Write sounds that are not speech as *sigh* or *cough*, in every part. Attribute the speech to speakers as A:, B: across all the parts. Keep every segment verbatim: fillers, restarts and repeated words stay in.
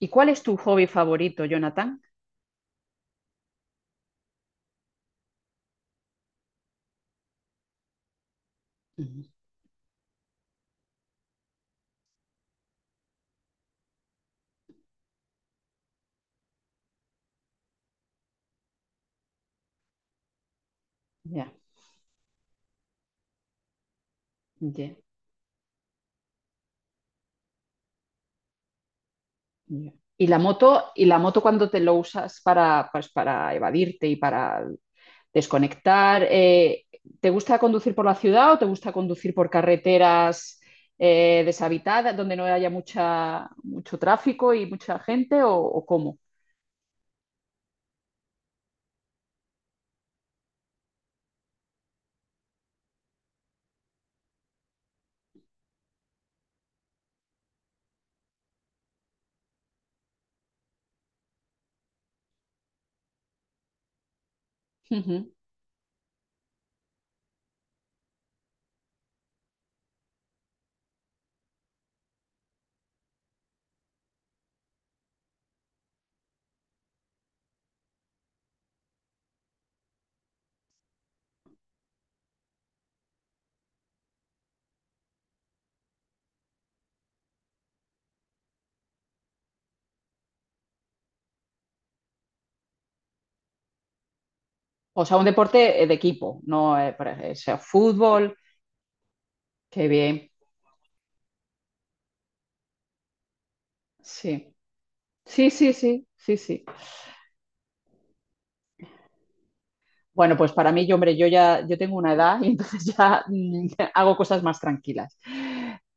A: ¿Y cuál es tu hobby favorito, Jonathan? Ujú. Ya, ya, ya. ¿Y la moto, y la moto cuando te lo usas para, pues, para evadirte y para desconectar? Eh, ¿te gusta conducir por la ciudad o te gusta conducir por carreteras eh, deshabitadas, donde no haya mucha, mucho tráfico y mucha gente o, o cómo? Ujú. O sea, un deporte eh, de equipo, no eh, por ej- o sea, fútbol. Qué bien. Sí, sí, sí, sí, sí, sí. Bueno, pues para mí, yo, hombre, yo ya yo tengo una edad y entonces *laughs* ya mm, hago cosas más tranquilas.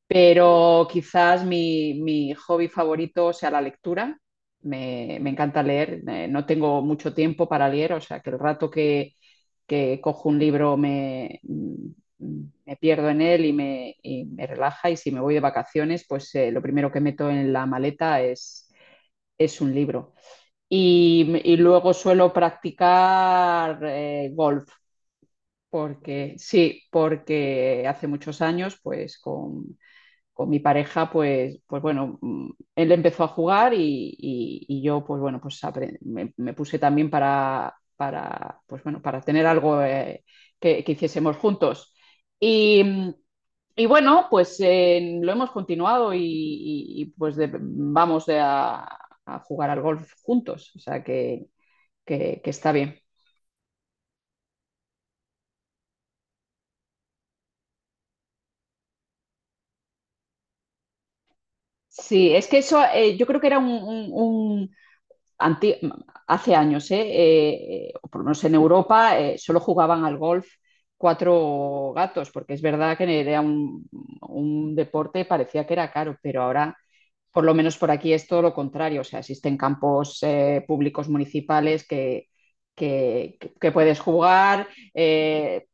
A: Pero quizás mi, mi hobby favorito sea la lectura. Me, me encanta leer. Eh, no tengo mucho tiempo para leer, o sea que el rato que, que cojo un libro me, mm, me pierdo en él y me, y me relaja. Y si me voy de vacaciones, pues eh, lo primero que meto en la maleta es, es un libro. Y, y luego suelo practicar eh, golf. Porque, sí, porque hace muchos años, pues con, con mi pareja, pues, pues bueno, mm, él empezó a jugar y, y- y yo, pues bueno, pues apre- me, me puse también para, para, pues bueno, para tener algo eh, que, que hiciésemos juntos. Y, mm, y bueno, pues eh, lo hemos continuado y, y- y, pues de- vamos de a, a jugar al golf juntos, o sea que, que- que está bien. Sí, es que eso eh, yo creo que era un, un- anti- hace años, ¿eh? Eh, eh, o por lo menos en Europa, eh, solo jugaban al golf cuatro gatos, porque es verdad que era un, un deporte, parecía que era caro, pero ahora por lo menos por aquí es todo lo contrario. O sea, existen campos eh, públicos municipales que, que, que puedes jugar, eh,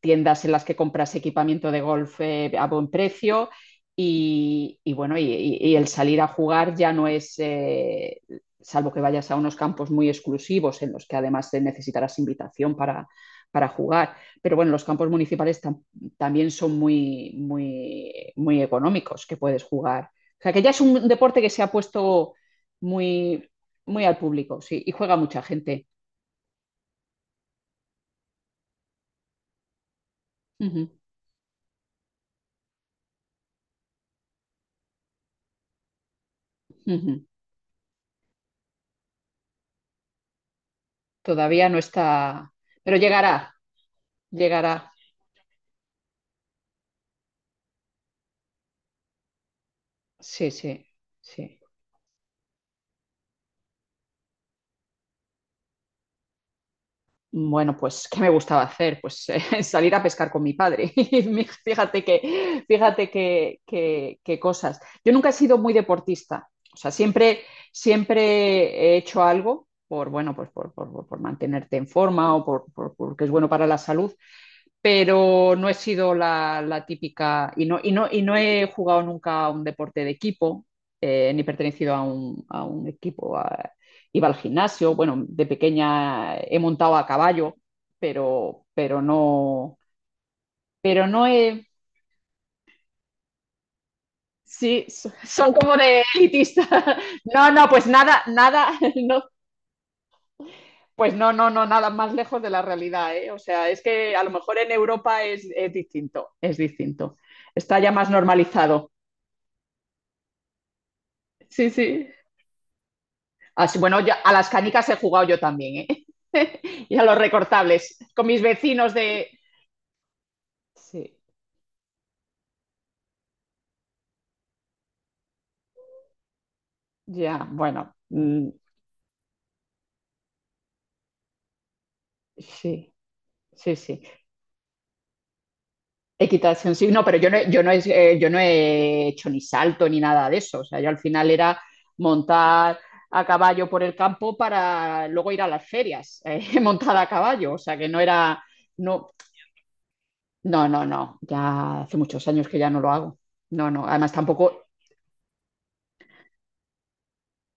A: tiendas en las que compras equipamiento de golf eh, a buen precio y, y bueno, y, y- y el salir a jugar ya no es, eh, salvo que vayas a unos campos muy exclusivos en los que además eh, necesitarás invitación para, para jugar. Pero bueno, los campos municipales tam- también son muy, muy, muy económicos, que puedes jugar, o sea, que ya es un deporte que se ha puesto muy, muy al público, sí, y juega mucha gente. Uh -huh, uh -huh. Todavía no está, pero llegará, llegará. Sí, sí, sí. Bueno, pues, ¿qué me gustaba hacer? Pues eh, *laughs* salir a pescar con mi padre. *laughs* Y mi- fíjate que, fíjate que, que, que cosas. Yo nunca he sido muy deportista. O sea, siempre, siempre he hecho algo por, bueno, pues por, por, por mantenerte en forma o por, por, porque es bueno para la salud, pero no he sido la, la típica y no, y, no, y no he jugado nunca a un deporte de equipo, eh, ni pertenecido a un, a un equipo. A- iba al gimnasio, bueno, de pequeña he montado a caballo, pero, pero no, pero no he... Sí, so- son como de elitista. *laughs* No, no, pues nada, nada, *laughs* no, pues no, no, no, nada más lejos de la realidad, ¿eh? O sea, es que a lo mejor en Europa es, es distinto, es distinto. Está ya más normalizado. Sí, sí. Así, bueno, ya a las canicas he jugado yo también, ¿eh? *laughs* Y a los recortables, con mis vecinos de... Sí, ya, bueno, mm, sí, sí, sí. Equitación, sí, no, pero yo no, he- yo no he, eh, yo no he hecho ni salto ni nada de eso. O sea, yo al final era montar a caballo por el campo para luego ir a las ferias, *laughs* eh, montada a caballo. O sea, que no era... No, no, no, no. Ya hace muchos años que ya no lo hago. No, no. Además, tampoco...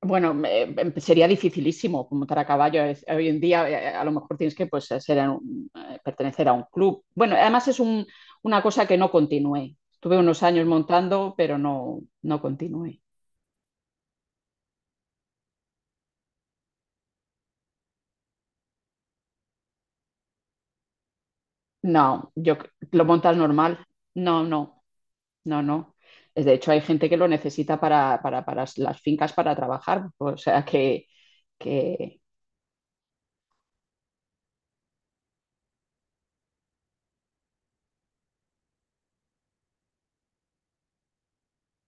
A: Bueno, me- em, sería dificilísimo montar a caballo. Es- hoy en día eh, a lo mejor tienes que, pues, eh, ser en un- eh, pertenecer a un club. Bueno, además es un- una cosa que no continué. Estuve unos años montando, pero no, no continué. No, yo c- lo montas normal. No, no, no, no. Es... De hecho, hay gente que lo necesita para, para- para s- las fincas, para trabajar. O sea que, que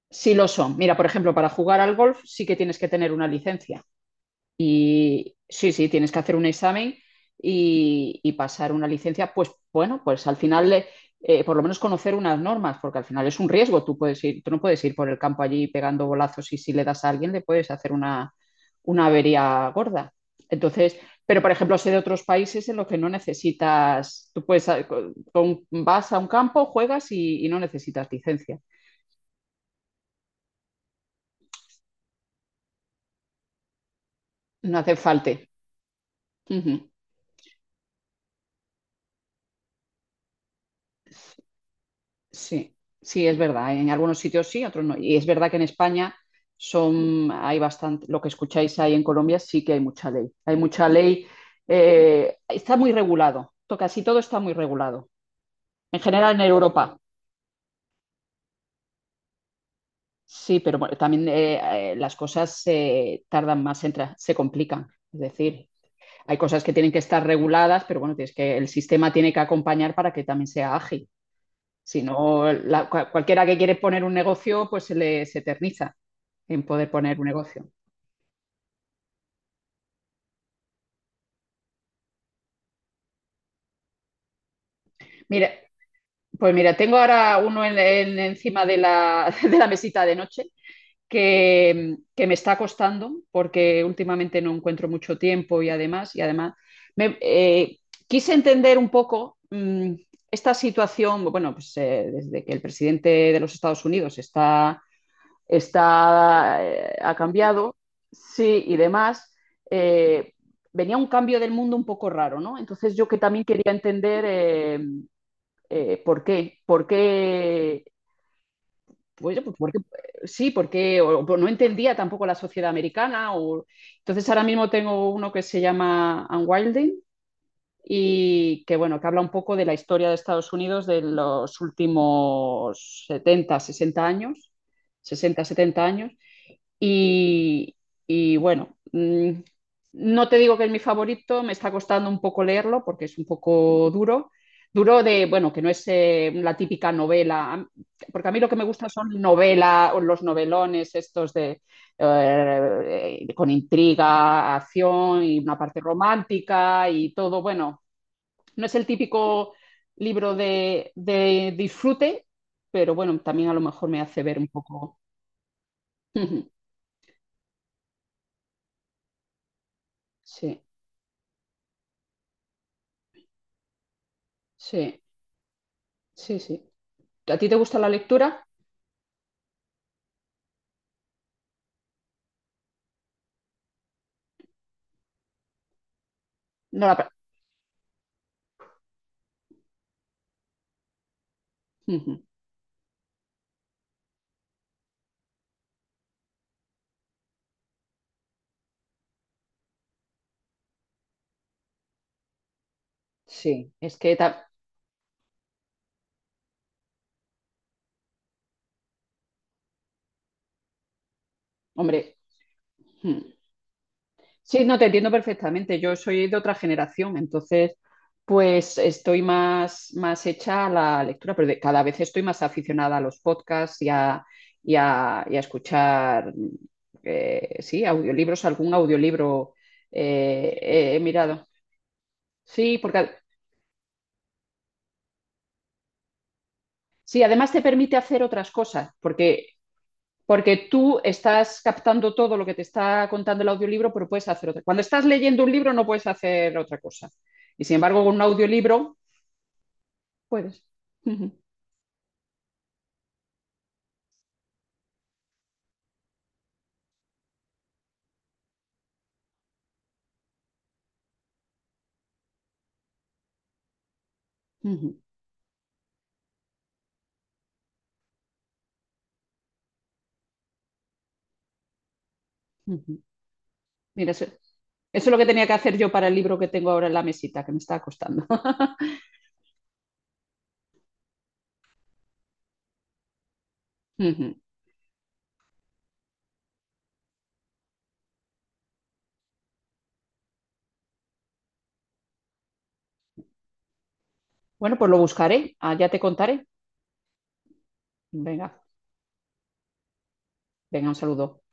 A: sí lo son. Mira, por ejemplo, para jugar al golf sí que tienes que tener una licencia. Y sí, sí, tienes que hacer un examen y, y pasar una licencia, pues bueno, pues al final, eh, eh, por lo menos conocer unas normas, porque al final es un riesgo. Tú puedes ir, tú no puedes ir por el campo allí pegando bolazos, y si le das a alguien le puedes hacer una, una avería gorda. Entonces, pero por ejemplo, sé de otros países en los que no necesitas, tú puedes, a- con- con- vas a un campo, juegas y, y no necesitas licencia, no hace falta. Ujú. Sí, sí, es verdad. En algunos sitios sí, otros no. Y es verdad que en España son, hay bastante, lo que escucháis ahí en Colombia, sí que hay mucha ley. Hay mucha ley, eh, está muy regulado. To- Casi todo está muy regulado. En general en Europa. Sí, pero bueno, también eh, eh, las cosas eh, tardan más en tra- se complican. Es decir, hay cosas que tienen que estar reguladas, pero bueno, tienes que, el sistema tiene que acompañar para que también sea ágil. Si no, la- cua- cualquiera que quiere poner un negocio, pues se le se eterniza en poder poner un negocio. Mira, pues mira, tengo ahora uno en, en, encima de la, *laughs* de la mesita de noche que, que, me está costando porque últimamente no encuentro mucho tiempo y además, y además me, eh, quise entender un poco mmm, esta situación, bueno, pues eh, desde que el presidente de los Estados Unidos está, está eh, ha cambiado, sí, y demás, eh, venía un cambio del mundo un poco raro, ¿no? Entonces yo que también quería entender, eh, Eh, ¿por qué? ¿Por qué? Pues, pues, porque, sí, porque o- o no entendía tampoco la sociedad americana. o- Entonces ahora mismo tengo uno que se llama Unwilding, y que bueno, que habla un poco de la historia de Estados Unidos de los últimos setenta, sesenta años, sesenta setenta años. Y, y bueno, mm, no te digo que es mi favorito, me está costando un poco leerlo porque es un poco duro. Duro de, bueno, que no es eh, la típica novela, A- porque a mí lo que me gusta son novelas, los novelones estos de, eh, con intriga, acción y una parte romántica y todo. Bueno, no es el típico libro de, de disfrute, pero bueno, también a lo mejor me hace ver un poco. *laughs* Sí, sí. Sí, sí. ¿A ti te gusta la lectura? No la... pra- Ujú. Sí, es que, ta- hombre, ujú. Sí, no te entiendo perfectamente. Yo soy de otra generación, entonces, pues estoy más, más hecha a la lectura, pero de- cada vez estoy más aficionada a los podcasts y a, y a, y a escuchar, eh, sí, audiolibros, algún audiolibro eh, he he mirado. Sí, porque sí, además te permite hacer otras cosas, porque porque tú estás captando todo lo que te está contando el audiolibro, pero puedes hacer otra cosa. Cuando estás leyendo un libro no puedes hacer otra cosa. Y sin embargo, con un audiolibro puedes. Ujú, ujú, ujú. Mira, eso, eso es lo que tenía que hacer yo para el libro que tengo ahora en la mesita, que me está costando. *laughs* Ujú. Bueno, pues lo buscaré. Ah, ya te contaré. Venga, venga, un saludo.